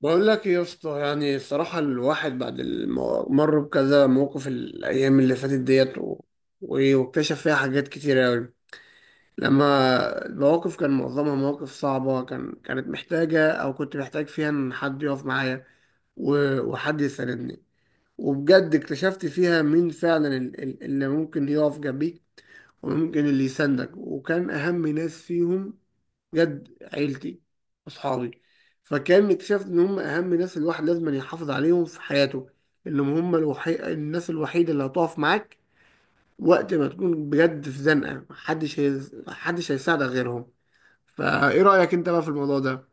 بقول لك إيه يا اسطى؟ يعني الصراحة الواحد بعد مر بكذا موقف الأيام اللي فاتت ديت واكتشف فيها حاجات كتير أوي. لما المواقف كان معظمها مواقف صعبة، كانت محتاجة، أو كنت محتاج فيها إن حد يقف معايا وحد يساندني. وبجد اكتشفت فيها مين فعلا اللي ممكن يقف جنبيك، وممكن اللي يساندك. وكان أهم ناس فيهم بجد، عيلتي، أصحابي. فكان اكتشفت إن هم أهم ناس الواحد لازم يحافظ عليهم في حياته، إنهم هم الناس الوحيدة اللي هتقف معاك وقت ما تكون بجد في زنقة، محدش هيساعدك غيرهم. فإيه رأيك أنت بقى في الموضوع ده؟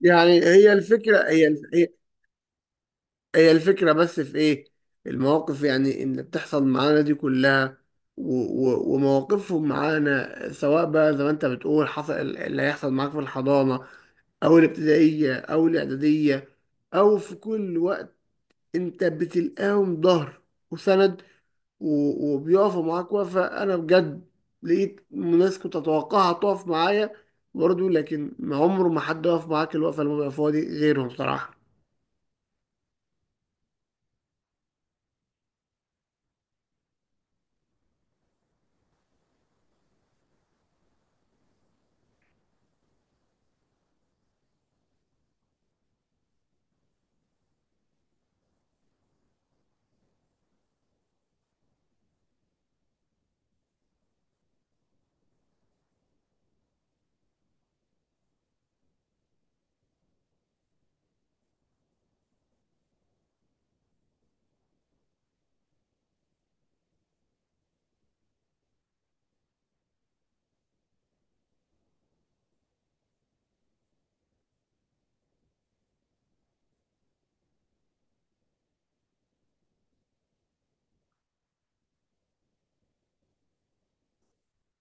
يعني هي هي الفكرة بس في إيه؟ المواقف يعني اللي بتحصل معانا دي كلها ومواقفهم معانا، سواء بقى زي ما أنت بتقول حصل اللي هيحصل معاك في الحضانة او الابتدائيه او الاعداديه او في كل وقت. انت بتلقاهم ظهر وسند، وبيقفوا معاك وقفه. انا بجد لقيت ناس كنت اتوقعها تقف معايا برضه، لكن ما عمره ما حد وقف معاك الوقفه اللي هم بيقفوها دي غيرهم صراحه.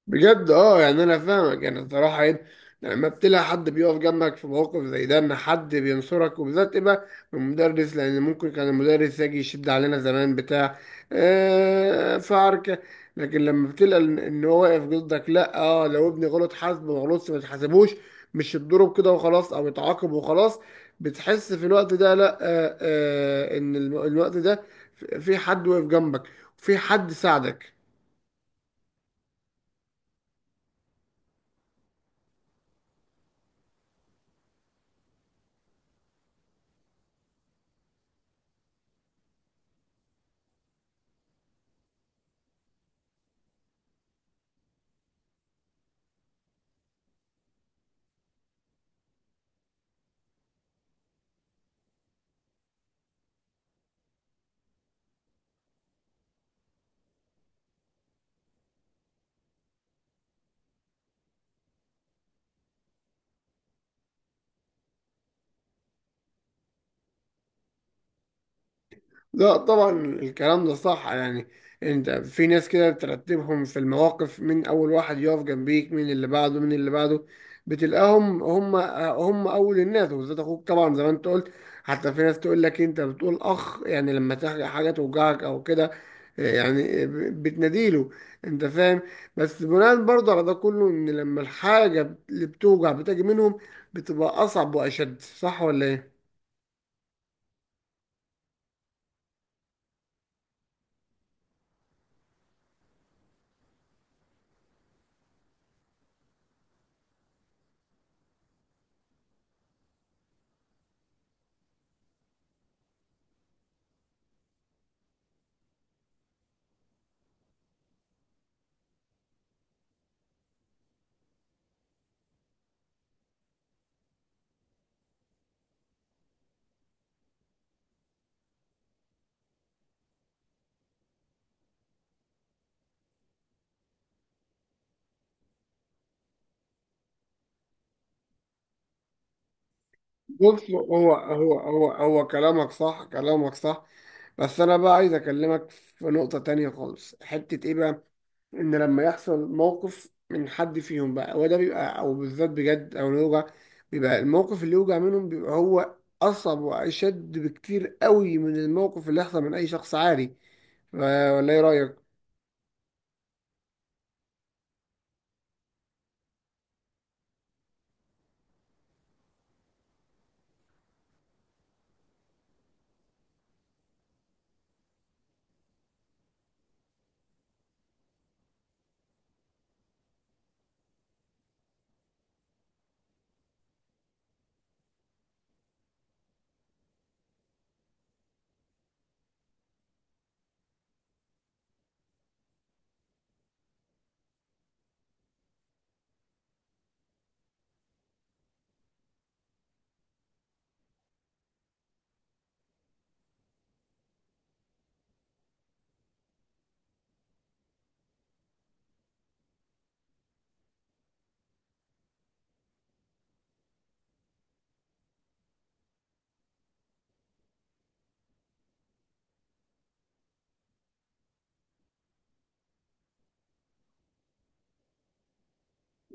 بجد اه، يعني انا فاهمك. يعني الصراحه ايه؟ لما بتلاقي حد بيقف جنبك في مواقف زي ده، ان حد بينصرك، وبالذات يبقى المدرس، لان ممكن كان المدرس يجي يشد علينا زمان بتاع. آه، في عركه. لكن لما بتلاقي ان إن هو واقف ضدك، لا اه، لو ابني غلط حاسب، ما غلطش ما تحاسبوش، مش يتضرب كده وخلاص او يتعاقب وخلاص. بتحس في الوقت ده لا آه آه، ان الوقت ده في حد واقف جنبك، وفي حد ساعدك. لا طبعا الكلام ده صح يعني. انت في ناس كده بترتبهم في المواقف، من اول واحد يقف جنبيك، من اللي بعده، من اللي بعده. بتلقاهم هم اول الناس، وبالذات اخوك طبعا زي ما انت قلت. حتى في ناس تقول لك: انت بتقول اخ، يعني لما تحكي حاجه توجعك او كده، يعني بتناديله. انت فاهم؟ بس بناء برضه على ده كله، ان لما الحاجه اللي بتوجع بتجي منهم، بتبقى اصعب واشد. صح ولا ايه؟ بص، هو هو هو هو كلامك صح، كلامك صح. بس انا بقى عايز اكلمك في نقطة تانية خالص، حتة ايه بقى؟ ان لما يحصل موقف من حد فيهم بقى، هو ده بيبقى، او بالذات بجد او يوجع. بيبقى الموقف اللي يوجع منهم بيبقى هو اصعب واشد بكتير قوي من الموقف اللي يحصل من اي شخص عادي. ف- ولا ايه رأيك؟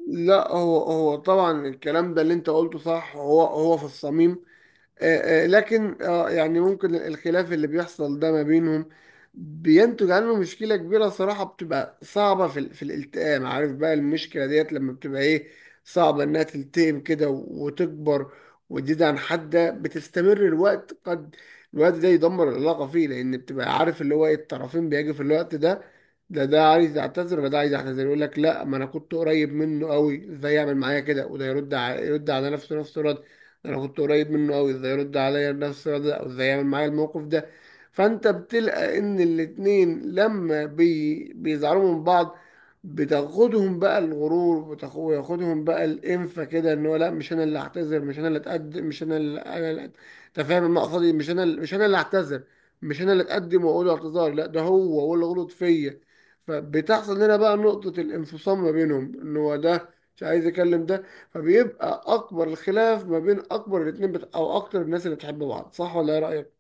لا، هو هو طبعا الكلام ده اللي انت قلته صح، هو هو في الصميم. لكن يعني ممكن الخلاف اللي بيحصل ده ما بينهم بينتج عنه مشكلة كبيرة صراحة، بتبقى صعبة في الالتئام. عارف بقى المشكلة ديت لما بتبقى ايه؟ صعبة انها تلتئم كده وتكبر وتزيد عن حدها، بتستمر الوقت قد الوقت ده يدمر العلاقة فيه، لأن بتبقى عارف اللي هو ايه. الطرفين بيجي في الوقت ده، ده عايز يعتذر، وده عايز يعتذر، يقول لك: لا، ما انا كنت قريب منه قوي، ازاي يعمل معايا كده؟ وده يرد، يرد على نفسه رد: انا كنت قريب منه قوي، ازاي يرد عليا بنفس الرد ده، او ازاي يعمل معايا الموقف ده؟ فانت بتلقى ان الاتنين لما بيزعلوا من بعض، بتاخدهم بقى الغرور، وياخدهم بقى الانفه كده، ان هو لا، مش انا اللي هعتذر، مش انا اللي اتقدم، مش انا اللي انا اللي انت فاهم المقصد؟ مش انا اللي هعتذر، مش انا اللي اتقدم واقول له اعتذار، لا، ده هو اللي غلط فيا. فبتحصل هنا بقى نقطة الانفصام ما بينهم، ان هو ده مش عايز يكلم ده، فبيبقى اكبر الخلاف ما بين اكبر الاتنين، او اكتر الناس اللي بتحب بعض. صح ولا ايه رايك؟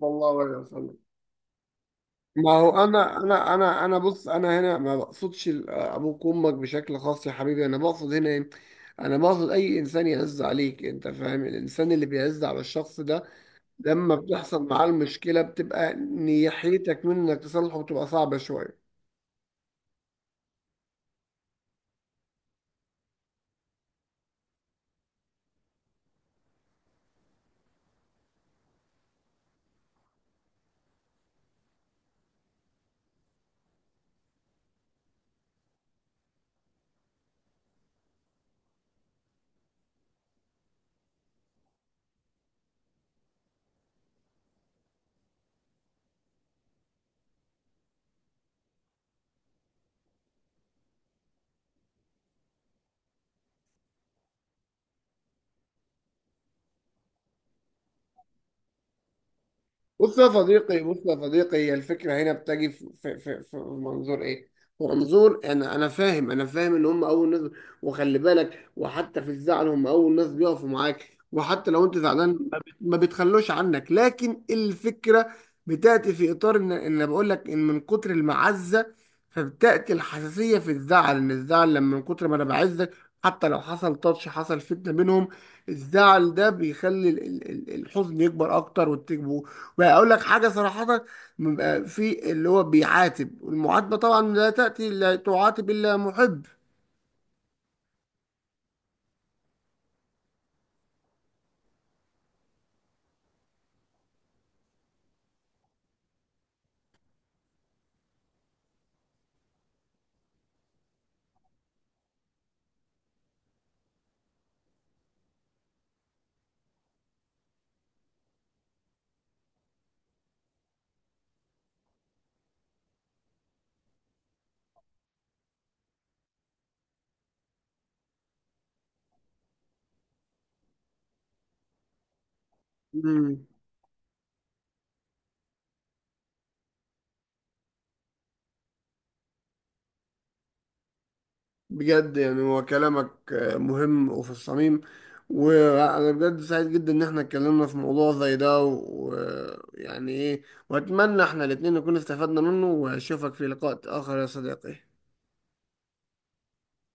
والله ولا وصلنا. ما هو انا انا انا انا بص، انا هنا ما بقصدش ابوك وامك بشكل خاص يا حبيبي، انا بقصد هنا ايه. انا بقصد اي انسان يعز عليك، انت فاهم؟ الانسان اللي بيعز على الشخص ده لما بتحصل معاه المشكله، بتبقى نيحيتك منه انك تصلحه بتبقى صعبه شويه. بص يا صديقي، بص يا صديقي، هي الفكرة هنا بتجي في منظور ايه؟ في منظور، انا انا فاهم، انا فاهم ان هم اول ناس، وخلي بالك، وحتى في الزعل هم اول ناس بيقفوا معاك، وحتى لو انت زعلان ما بيتخلوش عنك، لكن الفكرة بتأتي في اطار ان ان بقول لك ان من كتر المعزة، فبتأتي الحساسية في الزعل. ان الزعل لما من كتر ما انا بعزك، حتى لو حصل تاتش، حصل فتنة بينهم، الزعل ده بيخلي الحزن يكبر اكتر، والتكبر. فاقول لك حاجه صراحه، بيبقى في اللي هو بيعاتب، والمعاتبه طبعا لا تاتي، لا تعاتب الا محب. مم. بجد يعني هو كلامك مهم وفي الصميم، وانا بجد سعيد جدا ان احنا اتكلمنا في موضوع زي ده ويعني ايه، واتمنى احنا الاتنين نكون استفدنا منه، واشوفك في لقاء اخر يا صديقي.